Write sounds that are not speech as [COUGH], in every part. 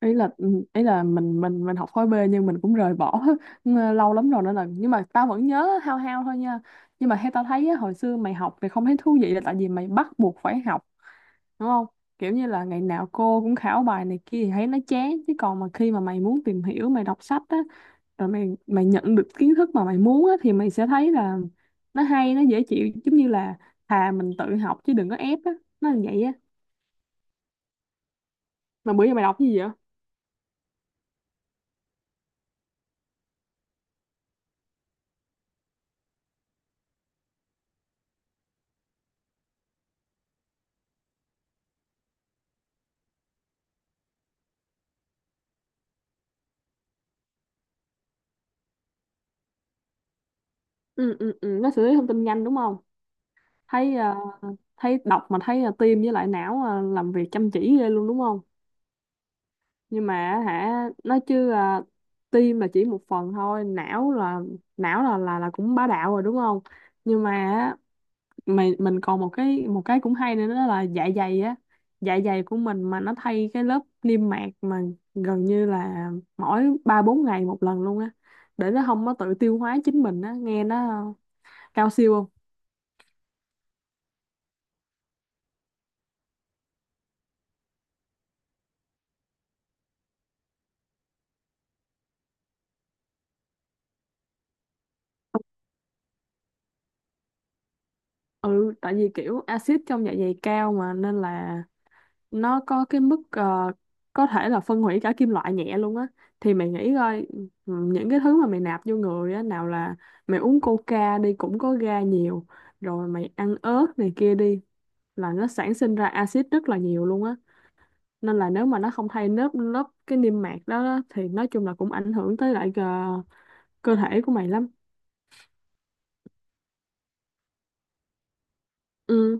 Ý là mình học khối B nhưng mình cũng rời bỏ [LAUGHS] lâu lắm rồi nên là nhưng mà tao vẫn nhớ hao hao thôi nha. Nhưng mà theo tao thấy á, hồi xưa mày học thì không thấy thú vị là tại vì mày bắt buộc phải học đúng không. Kiểu như là ngày nào cô cũng khảo bài này kia thì thấy nó chán, chứ còn mà khi mà mày muốn tìm hiểu mày đọc sách á, rồi mày mày nhận được kiến thức mà mày muốn á, thì mày sẽ thấy là nó hay, nó dễ chịu, giống như là thà mình tự học chứ đừng có ép á, nó là vậy á. Mà bữa giờ mày đọc cái gì vậy? Ừ, ừ, ừ, nó xử lý thông tin nhanh đúng không? Thấy thấy đọc mà thấy tim với lại não làm việc chăm chỉ ghê luôn đúng không? Nhưng mà hả, nói chứ tim là chỉ một phần thôi, não là não là cũng bá đạo rồi đúng không? Nhưng mà á, mình còn một cái cũng hay nữa, đó là dạ dày á. Dạ dày của mình mà nó thay cái lớp niêm mạc mà gần như là mỗi ba bốn ngày một lần luôn á, để nó không có tự tiêu hóa chính mình á, nghe nó cao siêu không? Ừ, tại vì kiểu axit trong dạ dày cao mà, nên là nó có cái mức có thể là phân hủy cả kim loại nhẹ luôn á. Thì mày nghĩ coi, ừ, những cái thứ mà mày nạp vô người á, nào là mày uống coca đi cũng có ga nhiều, rồi mày ăn ớt này kia đi, là nó sản sinh ra axit rất là nhiều luôn á. Nên là nếu mà nó không thay lớp lớp cái niêm mạc đó thì nói chung là cũng ảnh hưởng tới lại cơ thể của mày lắm. Ừ,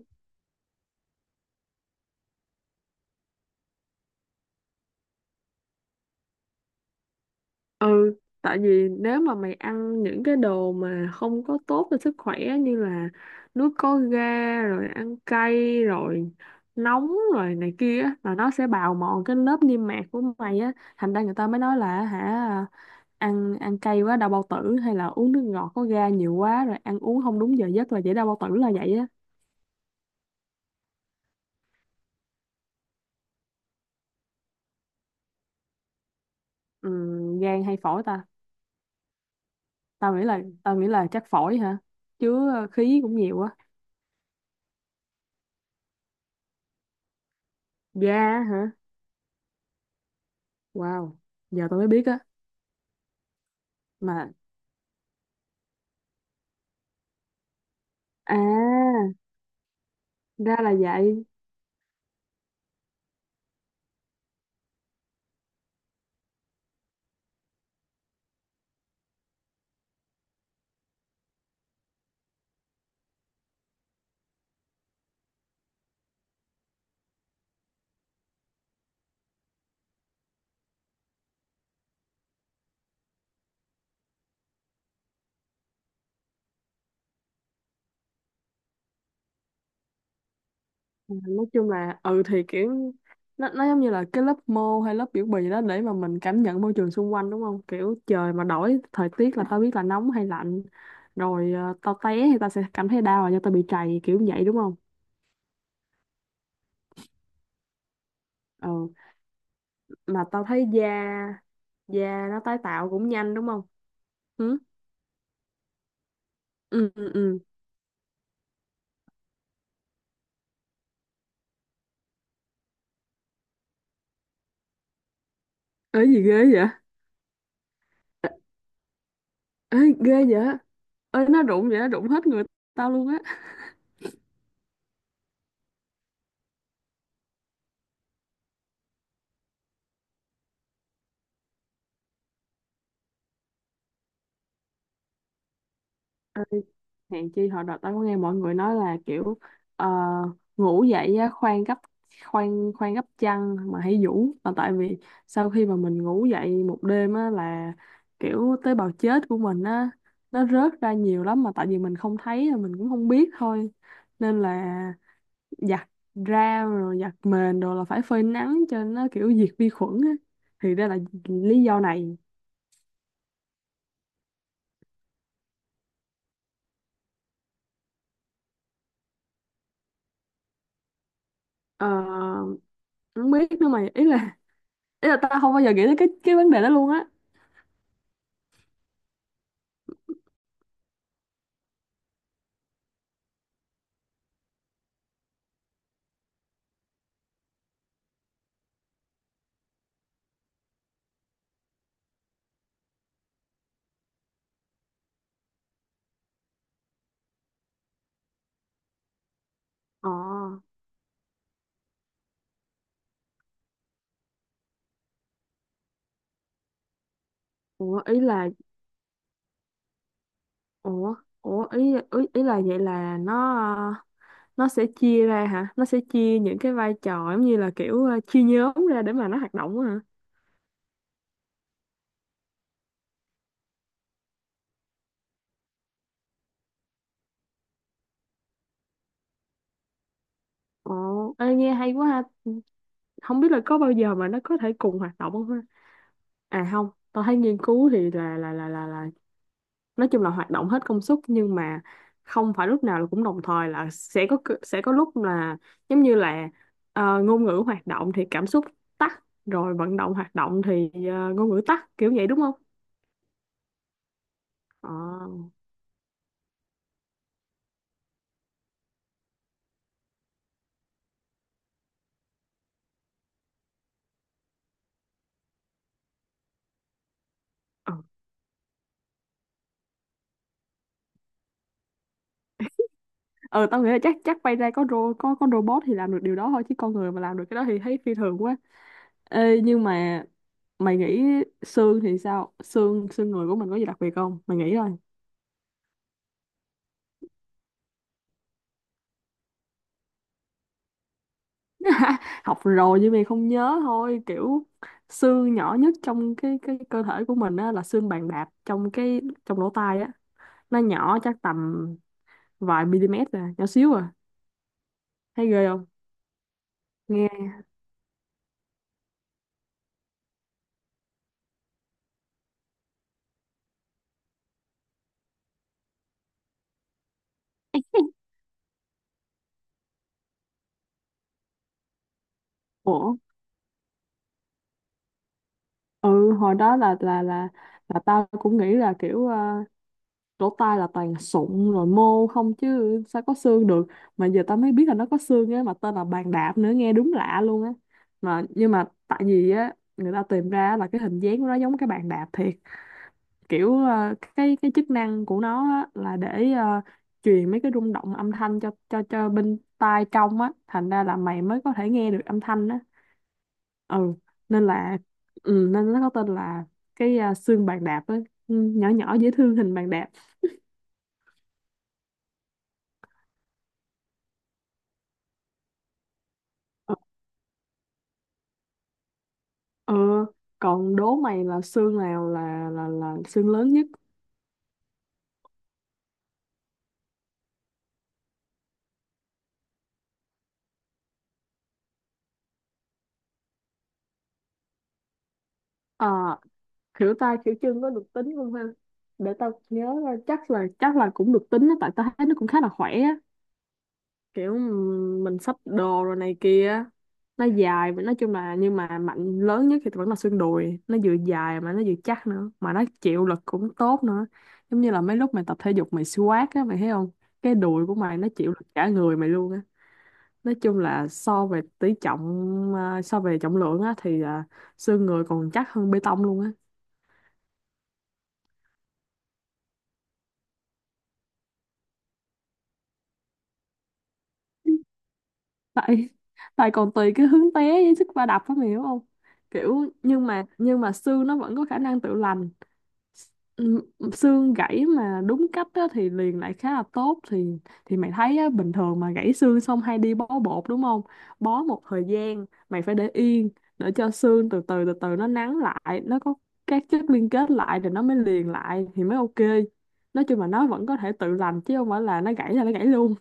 ừ, tại vì nếu mà mày ăn những cái đồ mà không có tốt cho sức khỏe như là nước có ga, rồi ăn cay, rồi nóng rồi này kia á, là nó sẽ bào mòn cái lớp niêm mạc của mày á, thành ra người ta mới nói là hả, ăn ăn cay quá đau bao tử, hay là uống nước ngọt có ga nhiều quá rồi ăn uống không đúng giờ giấc là dễ đau bao tử là vậy á. Ừ, gan hay phổi ta? Tao nghĩ là chắc phổi hả? Chứ khí cũng nhiều á. Ga hả? Wow, giờ tôi mới biết á. Mà à, ra là vậy. Nói chung là ừ, thì kiểu nó giống như là cái lớp mô hay lớp biểu bì đó, để mà mình cảm nhận môi trường xung quanh đúng không, kiểu trời mà đổi thời tiết là tao biết là nóng hay lạnh, rồi tao té thì tao sẽ cảm thấy đau là do tao bị trầy kiểu vậy đúng không? Ừ, mà tao thấy da da nó tái tạo cũng nhanh đúng không? Ừ, ừ, ừ, ừ. Ê, gì ghê vậy? Ê, ghê vậy. Ê, nó rụng vậy nó rụng hết người tao luôn á. Hèn chi hồi đợt tao có nghe mọi người nói là kiểu ờ, ngủ dậy á, khoan khoan gấp chăn mà hãy vũ, là tại vì sau khi mà mình ngủ dậy một đêm á, là kiểu tế bào chết của mình á, nó rớt ra nhiều lắm mà tại vì mình không thấy mình cũng không biết thôi. Nên là giặt ra rồi giặt mền rồi là phải phơi nắng cho nó kiểu diệt vi khuẩn á, thì đây là lý do này. Ờ, không biết nữa mày, ý là tao không bao giờ nghĩ tới cái vấn đề đó luôn á. Ờ, ủa, ý là ủa, ủa, ý ý, ý là vậy là nó nó sẽ chia ra hả? Nó sẽ chia những cái vai trò giống như là kiểu chia nhóm ra để mà nó hoạt động á hả? Ồ, ê, nghe hay quá ha. Không biết là có bao giờ mà nó có thể cùng hoạt động không ha? À không, tôi thấy nghiên cứu thì là nói chung là hoạt động hết công suất, nhưng mà không phải lúc nào là cũng đồng thời, là sẽ có sẽ có lúc là giống như là ngôn ngữ hoạt động thì cảm xúc tắt, rồi vận động hoạt động thì ngôn ngữ tắt kiểu vậy đúng không? Ờ, ờ. Ờ, tao nghĩ là chắc chắc bay ra có ro có robot thì làm được điều đó thôi, chứ con người mà làm được cái đó thì thấy phi thường quá. Ê, nhưng mà mày nghĩ xương thì sao? Xương Xương người của mình có gì đặc biệt không? Mày nghĩ thôi. [LAUGHS] Học rồi nhưng mà không nhớ thôi. Kiểu xương nhỏ nhất trong cái cơ thể của mình á là xương bàn đạp, trong cái trong lỗ tai á. Nó nhỏ chắc tầm vài mm à, nhỏ xíu à. Thấy ghê không? Nghe. [LAUGHS] ủa, ừ, hồi đó là tao cũng nghĩ là kiểu lỗ tai là toàn sụn rồi mô không, chứ sao có xương được. Mà giờ tao mới biết là nó có xương á, mà tên là bàn đạp nữa, nghe đúng lạ luôn á. Mà nhưng mà tại vì á, người ta tìm ra là cái hình dáng của nó giống cái bàn đạp thiệt. Kiểu cái chức năng của nó á, là để truyền mấy cái rung động âm thanh cho bên tai trong á, thành ra là mày mới có thể nghe được âm thanh á. Ừ, nên là ừ, nên nó có tên là cái xương bàn đạp á. Ừ, nhỏ nhỏ dễ thương, hình bàn đạp. Ừ. Ờ, còn đố mày là xương nào là xương lớn nhất? Ờ, khỉu tay khỉu chân có được tính không ha? Để tao nhớ coi, chắc là cũng được tính á, tại tao thấy nó cũng khá là khỏe á. Kiểu mình xách đồ rồi này kia, nó dài và nói chung là, nhưng mà mạnh lớn nhất thì vẫn là xương đùi, nó vừa dài mà nó vừa chắc nữa, mà nó chịu lực cũng tốt nữa. Giống như là mấy lúc mày tập thể dục mày squat á, mày thấy không? Cái đùi của mày nó chịu lực cả người mày luôn á. Nói chung là so về tỷ trọng, à, so về trọng lượng á thì à, xương người còn chắc hơn bê tông luôn á. Tại Tại còn tùy cái hướng té với sức va đập á, mày hiểu không? Kiểu nhưng mà xương nó vẫn có khả năng tự lành. Ừm, xương gãy mà đúng cách á, thì liền lại khá là tốt. Thì mày thấy á, bình thường mà gãy xương xong hay đi bó bột đúng không. Bó một thời gian mày phải để yên để cho xương từ từ từ từ nó nắn lại, nó có các chất liên kết lại rồi nó mới liền lại thì mới ok. Nói chung là nó vẫn có thể tự lành chứ không phải là nó gãy luôn.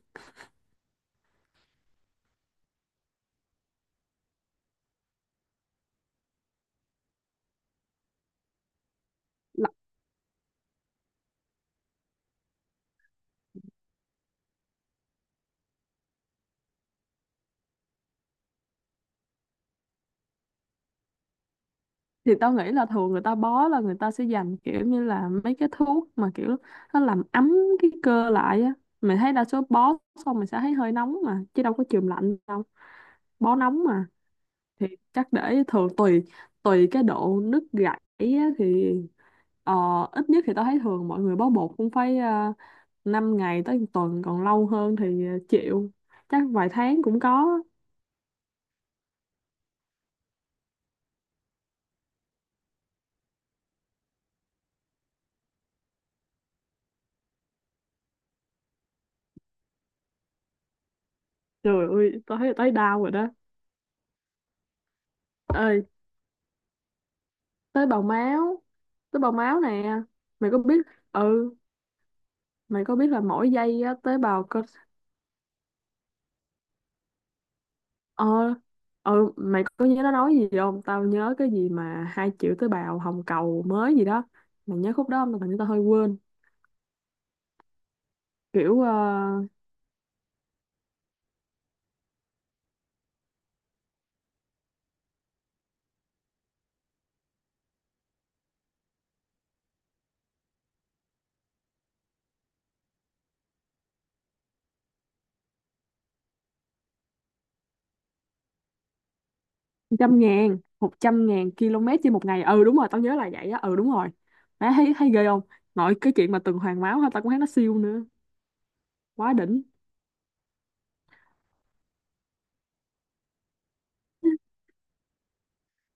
Thì tao nghĩ là thường người ta bó là người ta sẽ dành kiểu như là mấy cái thuốc mà kiểu nó làm ấm cái cơ lại á. Mình thấy đa số bó xong mình sẽ thấy hơi nóng mà, chứ đâu có chườm lạnh đâu, bó nóng mà. Thì chắc để thường tùy tùy cái độ nứt gãy á, thì ờ, ít nhất thì tao thấy thường mọi người bó bột cũng phải uh, 5 ngày tới một tuần, còn lâu hơn thì chịu, chắc vài tháng cũng có. Trời ơi tao thấy tao đau rồi đó. Ê, tới bào máu tới bào máu nè, mày có biết. Ừ mày có biết là mỗi giây á, tế bào cơ ờ ừ, mày có nhớ nó nói gì không, tao nhớ cái gì mà 2 triệu tế bào hồng cầu mới gì đó, mày nhớ khúc đó không, tao hình như tao hơi quên. Kiểu trăm ngàn 100.000 km trên một ngày, ừ đúng rồi tao nhớ là vậy á, ừ đúng rồi. Má thấy thấy ghê không? Nội cái chuyện mà tuần hoàn máu ha, tao cũng thấy nó siêu nữa, quá đỉnh.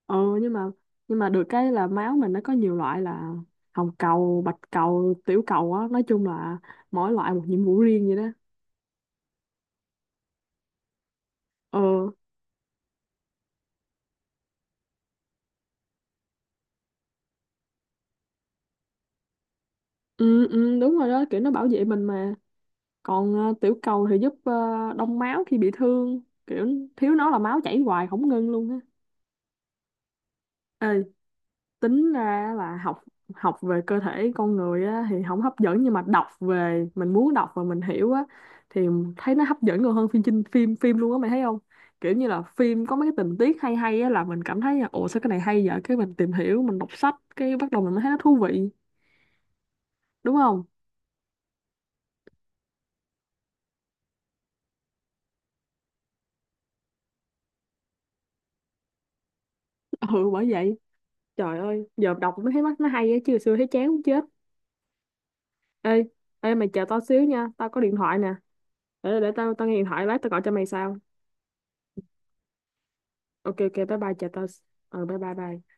Ờ, nhưng mà được cái là máu mình nó có nhiều loại, là hồng cầu, bạch cầu, tiểu cầu á, nói chung là mỗi loại một nhiệm vụ riêng vậy đó. Ờ, ừ, ừ đúng rồi đó, kiểu nó bảo vệ mình mà. Còn tiểu cầu thì giúp đông máu khi bị thương. Kiểu thiếu nó là máu chảy hoài không ngưng luôn á. Ê, tính ra là học học về cơ thể con người á thì không hấp dẫn, nhưng mà đọc về mình muốn đọc và mình hiểu á, thì thấy nó hấp dẫn còn hơn phim. Chinh phim phim luôn á, mày thấy không, kiểu như là phim có mấy cái tình tiết hay hay á, là mình cảm thấy là ồ sao cái này hay vậy, cái mình tìm hiểu mình đọc sách, cái bắt đầu mình mới thấy nó thú vị đúng không. Ừ, bởi vậy, trời ơi giờ đọc mới thấy mắt nó hay á, chứ hồi xưa thấy chán muốn chết. Ê, ê, mày chờ tao xíu nha, tao có điện thoại nè, để tao tao nghe điện thoại, lát tao gọi cho mày sau. Ok, ok, bye bye, chờ tao. Ừ, bye bye bye.